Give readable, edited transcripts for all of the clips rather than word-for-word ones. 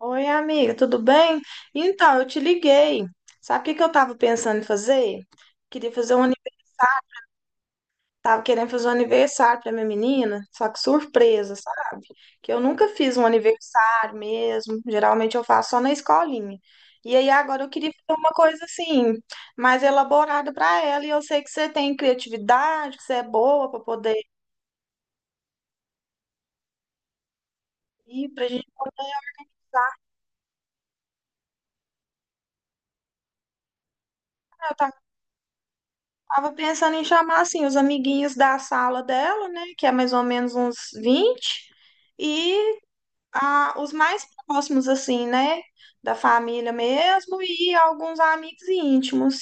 Oi, amiga, tudo bem? Então, eu te liguei. Sabe o que que eu tava pensando em fazer? Queria fazer um, tava querendo fazer um aniversário para minha menina, só que surpresa, sabe? Que eu nunca fiz um aniversário mesmo, geralmente eu faço só na escolinha. E aí agora eu queria fazer uma coisa assim, mais elaborada para ela, e eu sei que você tem criatividade, que você é boa para poder ir pra gente. Tava pensando em chamar assim os amiguinhos da sala dela, né, que é mais ou menos uns 20 e os mais próximos assim, né, da família mesmo e alguns amigos íntimos.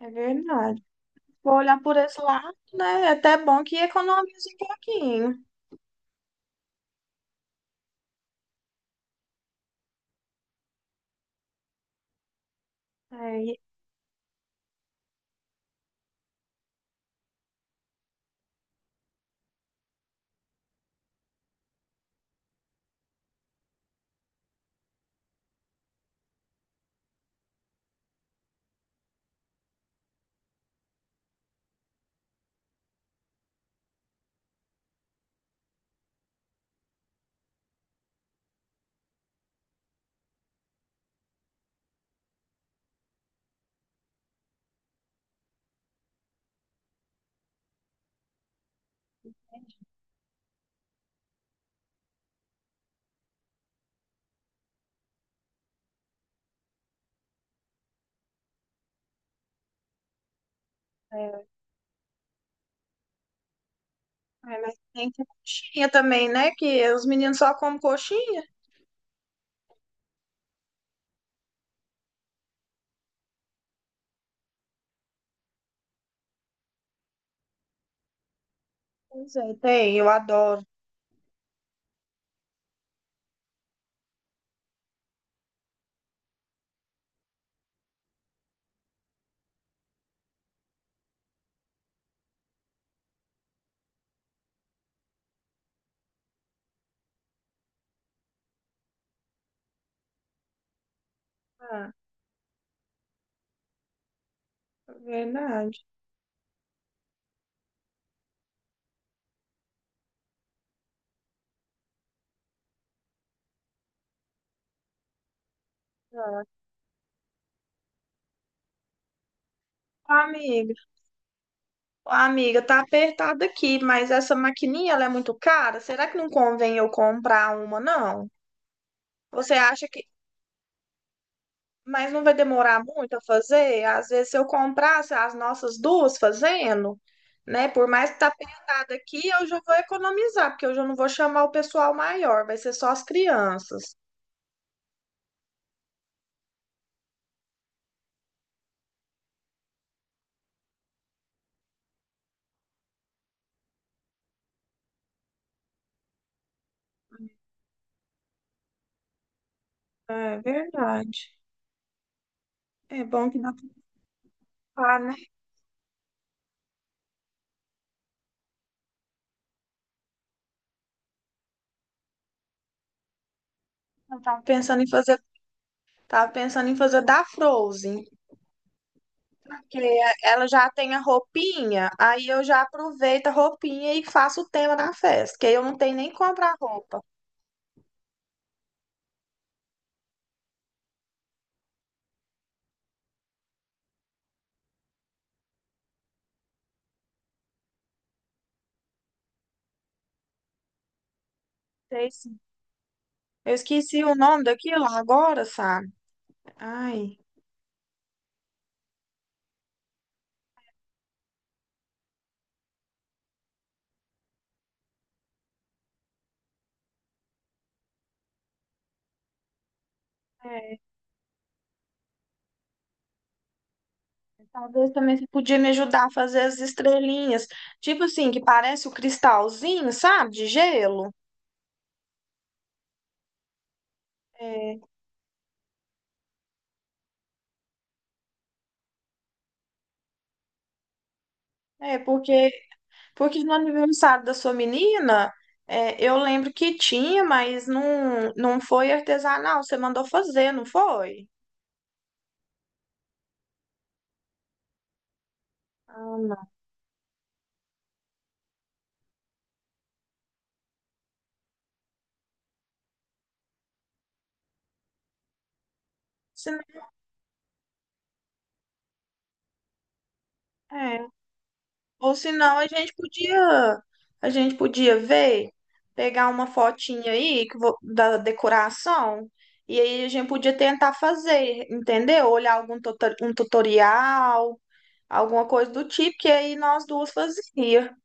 É verdade. Vou olhar por esse lado, né? É até bom que economiza um pouquinho. É, e- é, é, mas tem que ter coxinha também, né? Que os meninos só comem coxinha. Pois é, tem, eu adoro. Ah, é verdade. Amiga. Ah, amiga, tá apertado aqui, mas essa maquininha ela é muito cara. Será que não convém eu comprar uma, não? Você acha que. Mas não vai demorar muito a fazer? Às vezes, se eu comprasse as nossas duas fazendo, né? Por mais que tá apertado aqui, eu já vou economizar, porque eu já não vou chamar o pessoal maior, vai ser só as crianças. É verdade. É bom que dá pra, ocupar, né? Eu tava pensando em fazer, tava pensando em fazer da Frozen. Porque ela já tem a roupinha, aí eu já aproveito a roupinha e faço o tema da festa, que aí eu não tenho nem que comprar roupa. Sei sim. Eu esqueci o nome daquilo agora, sabe? Ai, é, talvez também você podia me ajudar a fazer as estrelinhas. Tipo assim, que parece o cristalzinho, sabe? De gelo. É, é, porque, porque no aniversário da sua menina, é, eu lembro que tinha, mas não, não foi artesanal. Você mandou fazer, não foi? Ah, não. É. Ou senão a gente podia ver, pegar uma fotinha aí que da decoração e aí a gente podia tentar fazer, entendeu? Olhar algum um tutorial, alguma coisa do tipo que aí nós duas fazia.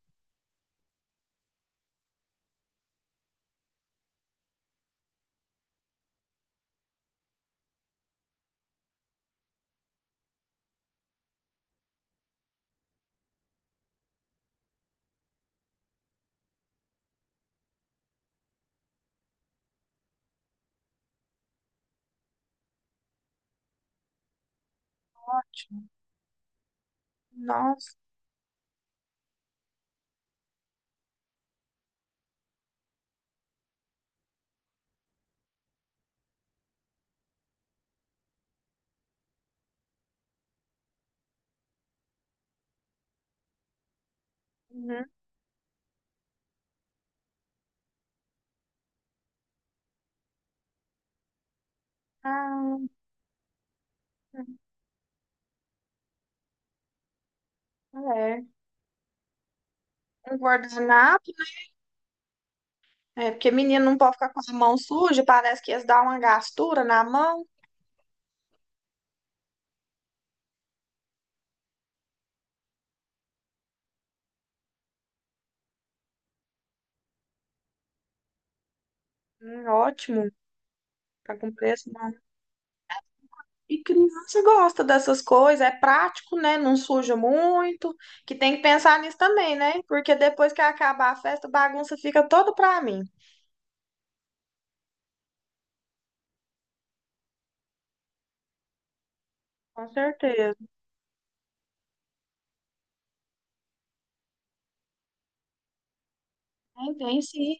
Nossa. Uhum. Ah, é. Um guardanapo, é porque menina não pode ficar com a mão suja, parece que ia dar uma gastura na mão. Ótimo, tá com preço. E criança gosta dessas coisas, é prático, né? Não suja muito, que tem que pensar nisso também, né? Porque depois que acabar a festa, a bagunça fica toda pra mim. Com certeza. Tem, tem sim,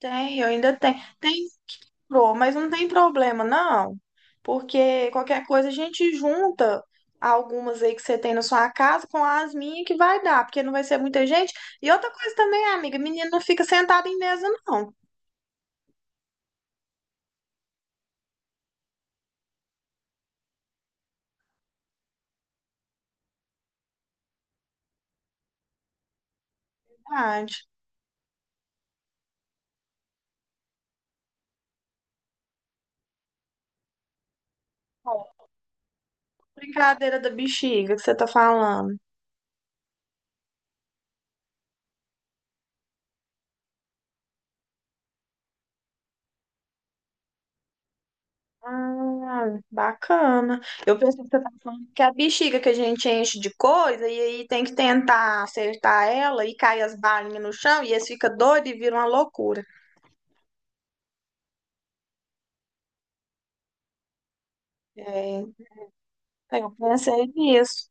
tem, eu ainda tenho. Tem, pro, mas não tem problema, não. Porque qualquer coisa a gente junta algumas aí que você tem na sua casa com as minhas que vai dar, porque não vai ser muita gente. E outra coisa também, amiga, menino não fica sentado em mesa, não. Verdade. Brincadeira da bexiga que você tá falando. Ah, bacana. Eu pensei que você tá falando que a bexiga que a gente enche de coisa e aí tem que tentar acertar ela e cai as balinhas no chão e eles ficam doidos e viram uma loucura. É, eu pensei nisso.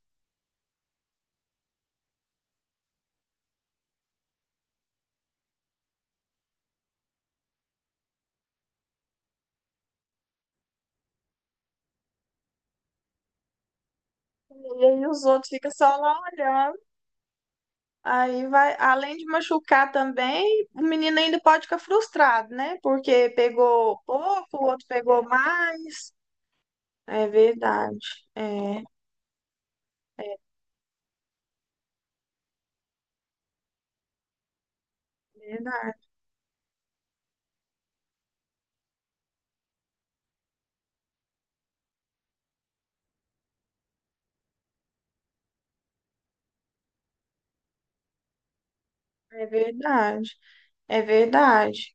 E aí os outros ficam só lá olhando. Aí vai, além de machucar também, o menino ainda pode ficar frustrado, né? Porque pegou pouco, o outro pegou mais. É verdade. É verdade. É verdade, é verdade.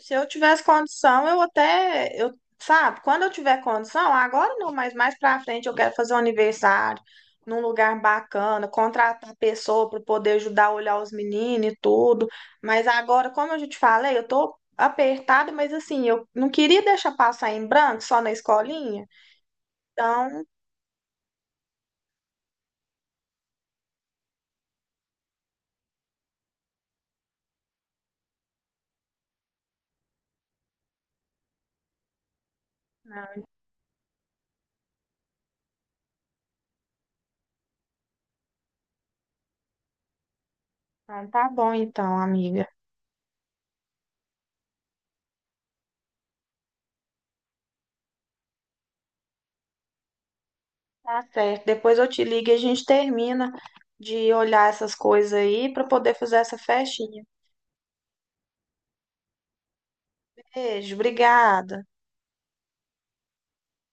Se eu tivesse condição, eu até, eu, sabe, quando eu tiver condição, ah, agora não, mas mais pra frente eu quero fazer um aniversário num lugar bacana, contratar pessoa para poder ajudar a olhar os meninos e tudo. Mas agora, como eu já te falei, eu tô apertada, mas assim, eu não queria deixar passar em branco só na escolinha. Então, tá bom, amiga. Tá certo. Depois eu te ligo e a gente termina de olhar essas coisas aí para poder fazer essa festinha. Beijo, obrigada.